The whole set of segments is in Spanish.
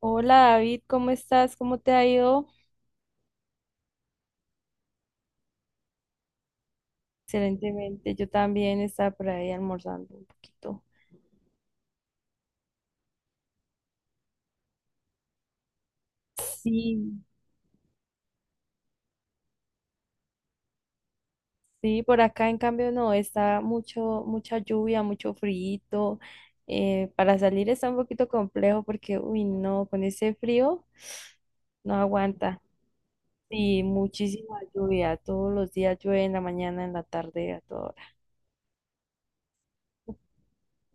Hola David, ¿cómo estás? ¿Cómo te ha ido? Excelentemente, yo también estaba por ahí almorzando un poquito. Sí, sí, por acá en cambio no, está mucho, mucha lluvia, mucho frío. Para salir está un poquito complejo porque, uy, no, con ese frío no aguanta. Sí, muchísima lluvia, todos los días llueve en la mañana, en la tarde, a toda hora.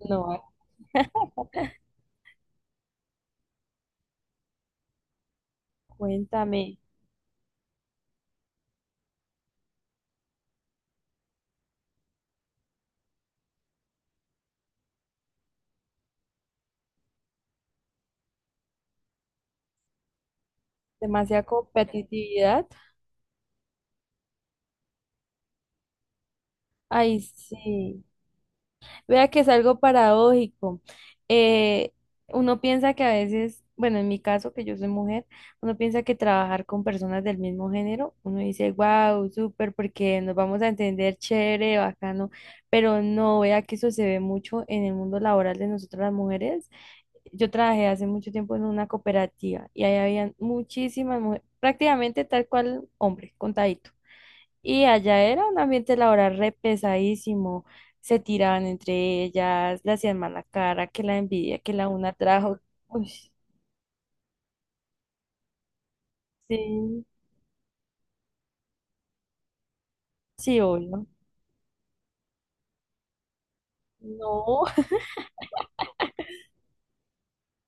No, cuéntame, demasiada competitividad. Ay, sí. Vea que es algo paradójico. Eh, Uno piensa que a veces, bueno, en mi caso, que yo soy mujer, uno piensa que trabajar con personas del mismo género, uno dice, wow, súper, porque nos vamos a entender chévere, bacano, pero no, vea que eso se ve mucho en el mundo laboral de nosotras las mujeres. Yo trabajé hace mucho tiempo en una cooperativa y ahí habían muchísimas mujeres, prácticamente tal cual hombre, contadito. Y allá era un ambiente laboral re pesadísimo. Se tiraban entre ellas, le hacían mala cara, que la envidia, que la una trajo. Uy, sí, sí, obvio. No,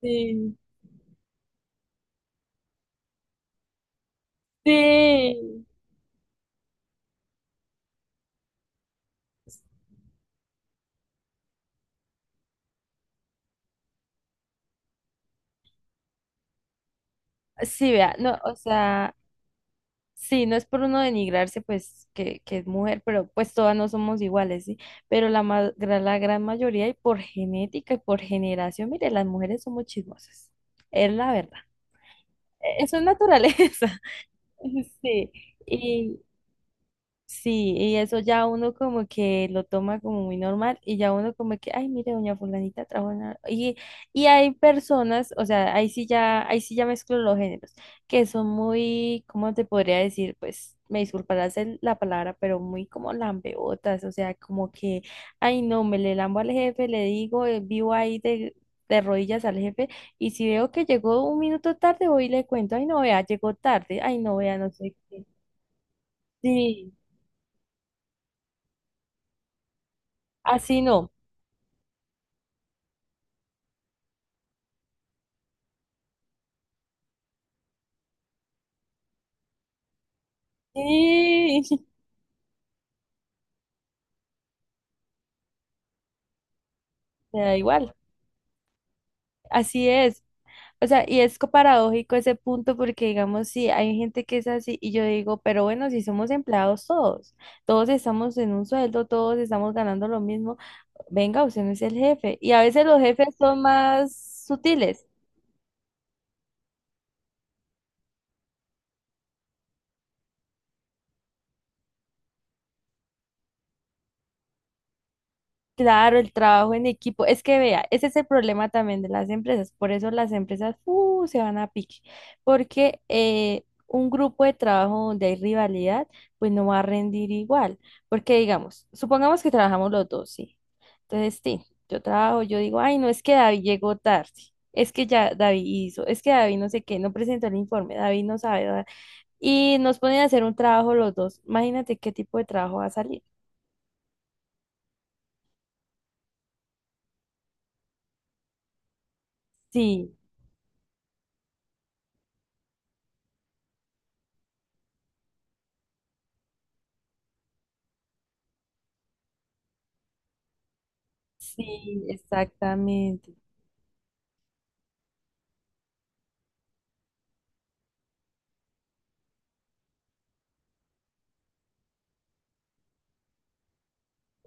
sí, sí. Sí, vea, no, o sea, sí, no es por uno denigrarse, pues, que es mujer, pero pues todas no somos iguales, ¿sí? Pero la gran mayoría, y por genética y por generación, mire, las mujeres somos chismosas. Es la verdad. Es su naturaleza. Sí, y sí, y eso ya uno como que lo toma como muy normal y ya uno como que, ay, mire, doña fulanita trabaja en la-". Y hay personas, o sea, ahí sí ya mezclo los géneros, que son muy, ¿cómo te podría decir? Pues, me disculparás la palabra, pero muy como lambeotas, o sea, como que, ay, no, me le lambo al jefe, le digo, vivo ahí de rodillas al jefe y si veo que llegó un minuto tarde voy y le cuento, ay no vea, llegó tarde, ay no vea, no sé qué. Sí, así no. Sí, me da igual. Así es. O sea, y es paradójico ese punto porque, digamos, sí, hay gente que es así y yo digo, pero bueno, si somos empleados todos, todos estamos en un sueldo, todos estamos ganando lo mismo, venga, usted no es el jefe. Y a veces los jefes son más sutiles. Claro, el trabajo en equipo. Es que vea, ese es el problema también de las empresas. Por eso las empresas se van a pique. Porque un grupo de trabajo donde hay rivalidad, pues no va a rendir igual. Porque digamos, supongamos que trabajamos los dos, ¿sí? Entonces, sí, yo trabajo, yo digo, ay, no es que David llegó tarde. Es que ya David hizo, es que David no sé qué, no presentó el informe, David no sabe. Y nos ponen a hacer un trabajo los dos. Imagínate qué tipo de trabajo va a salir. Sí. Sí, exactamente.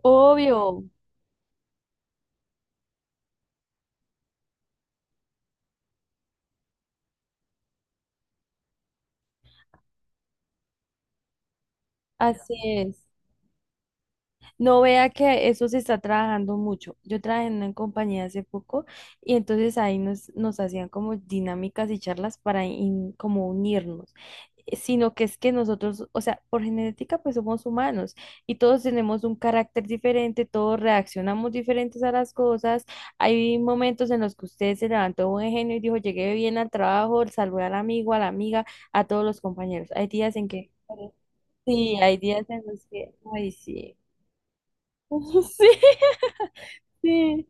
Obvio, así es. No vea que eso se está trabajando mucho. Yo trabajé en una compañía hace poco y entonces ahí nos hacían como dinámicas y charlas para como unirnos. Sino que es que nosotros, o sea, por genética pues somos humanos y todos tenemos un carácter diferente, todos reaccionamos diferentes a las cosas. Hay momentos en los que usted se levantó de buen genio y dijo, llegué bien al trabajo, saludé al amigo, a la amiga, a todos los compañeros. Hay días en que... Sí, hay días en los que... Ay, sí. Sí, sí.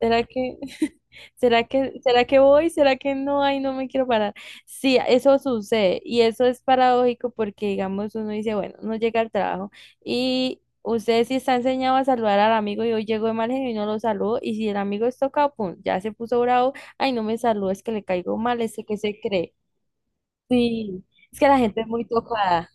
¿Será que, será que voy? ¿Será que no? Ay, no me quiero parar. Sí, eso sucede y eso es paradójico porque, digamos, uno dice, bueno, no llega al trabajo y usted sí está enseñado a saludar al amigo y hoy llegó de mal genio y no lo saludó y si el amigo es tocado, pum, ya se puso bravo, ay, no me saludó, es que le caigo mal, ese que se cree. Sí, es que la gente es muy tocada.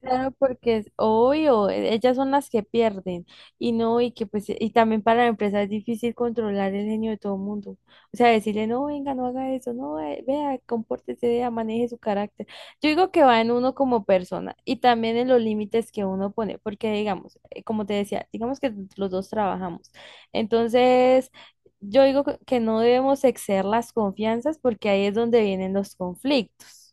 Claro, porque es obvio, ellas son las que pierden y no, y que pues, y también para la empresa es difícil controlar el genio de todo el mundo. O sea, decirle, no, venga, no haga eso, no, vea, compórtese, vea, maneje su carácter. Yo digo que va en uno como persona y también en los límites que uno pone, porque digamos, como te decía, digamos que los dos trabajamos. Entonces, yo digo que no debemos exceder las confianzas porque ahí es donde vienen los conflictos.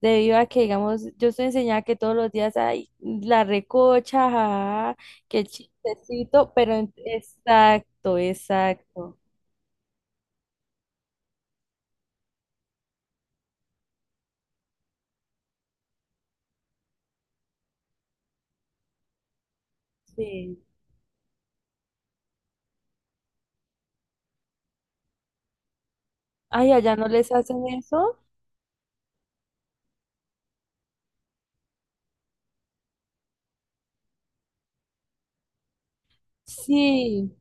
Debido a que, digamos, yo estoy enseñada que todos los días hay la recocha, jajaja, que el chistecito, pero exacto, exacto. Sí. Ay, allá no les hacen eso. Sí,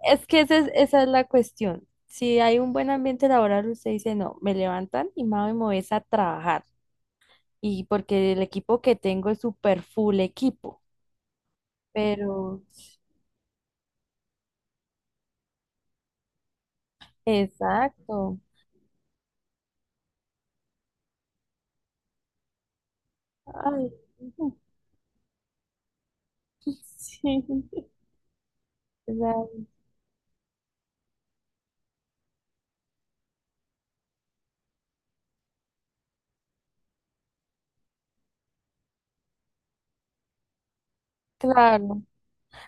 es que esa es la cuestión. Si hay un buen ambiente laboral, usted dice, no, me levantan y mami, me voy a trabajar. Y porque el equipo que tengo es super full equipo. Pero, exacto. Ay, sí. Claro,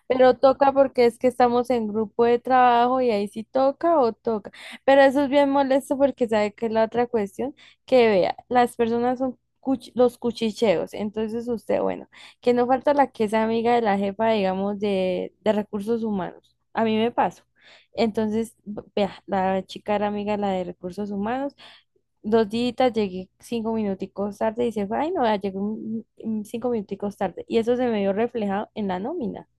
pero toca porque es que estamos en grupo de trabajo y ahí sí toca o toca. Pero eso es bien molesto porque sabe que es la otra cuestión, que vea, las personas son los cuchicheos. Entonces usted, bueno, que no falta la que es amiga de la jefa, digamos, de recursos humanos. A mí me pasó. Entonces, vea, la chica era amiga de la de recursos humanos. Dos días llegué cinco minuticos tarde y se fue, ay no, vea, llegué cinco minuticos tarde. Y eso se me vio reflejado en la nómina.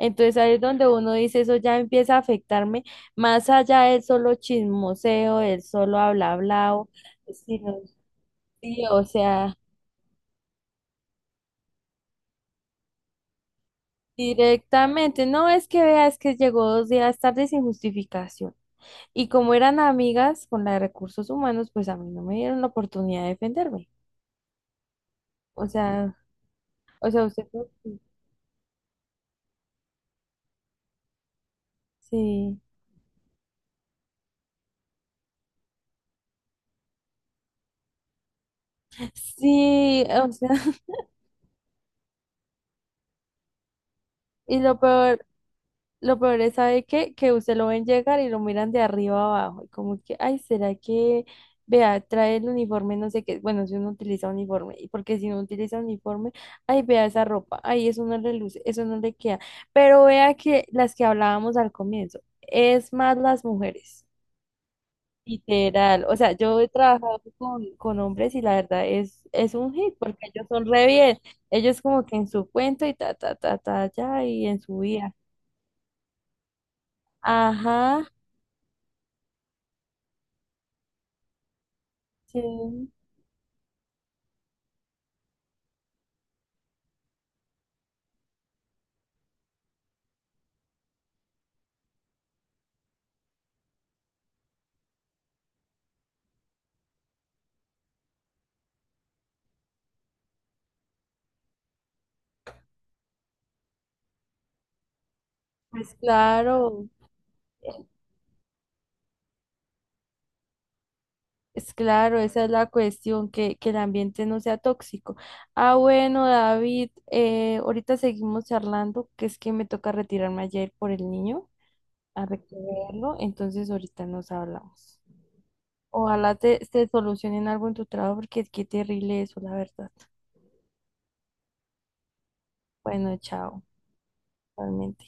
Entonces ahí es donde uno dice, eso ya empieza a afectarme, más allá del solo chismoseo, del solo habla hablao, sino, sí, o sea, directamente, no es que vea, es que llegó dos días tarde sin justificación. Y como eran amigas con la de recursos humanos, pues a mí no me dieron la oportunidad de defenderme. O sea, usted, sí, sí, o sea, y lo peor. Lo peor es, ¿sabe qué? Que usted lo ven llegar y lo miran de arriba abajo. Y como que, ay, ¿será que, vea, trae el uniforme, no sé qué? Bueno, si uno utiliza uniforme. Y porque si no utiliza uniforme, ay, vea esa ropa. Ay, eso no le luce, eso no le queda. Pero vea que las que hablábamos al comienzo, es más las mujeres. Literal. O sea, yo he trabajado con hombres y la verdad es un hit porque ellos son re bien. Ellos como que en su cuento y ta, ta, ta, ta, ya, y en su vida. Ajá. Sí, pues claro, es claro, esa es la cuestión, que el ambiente no sea tóxico. Ah, bueno, David, ahorita seguimos charlando, que es que me toca retirarme ayer por el niño a recogerlo, entonces ahorita nos hablamos. Ojalá te solucionen algo en tu trabajo, porque qué terrible eso, la verdad. Bueno, chao, realmente.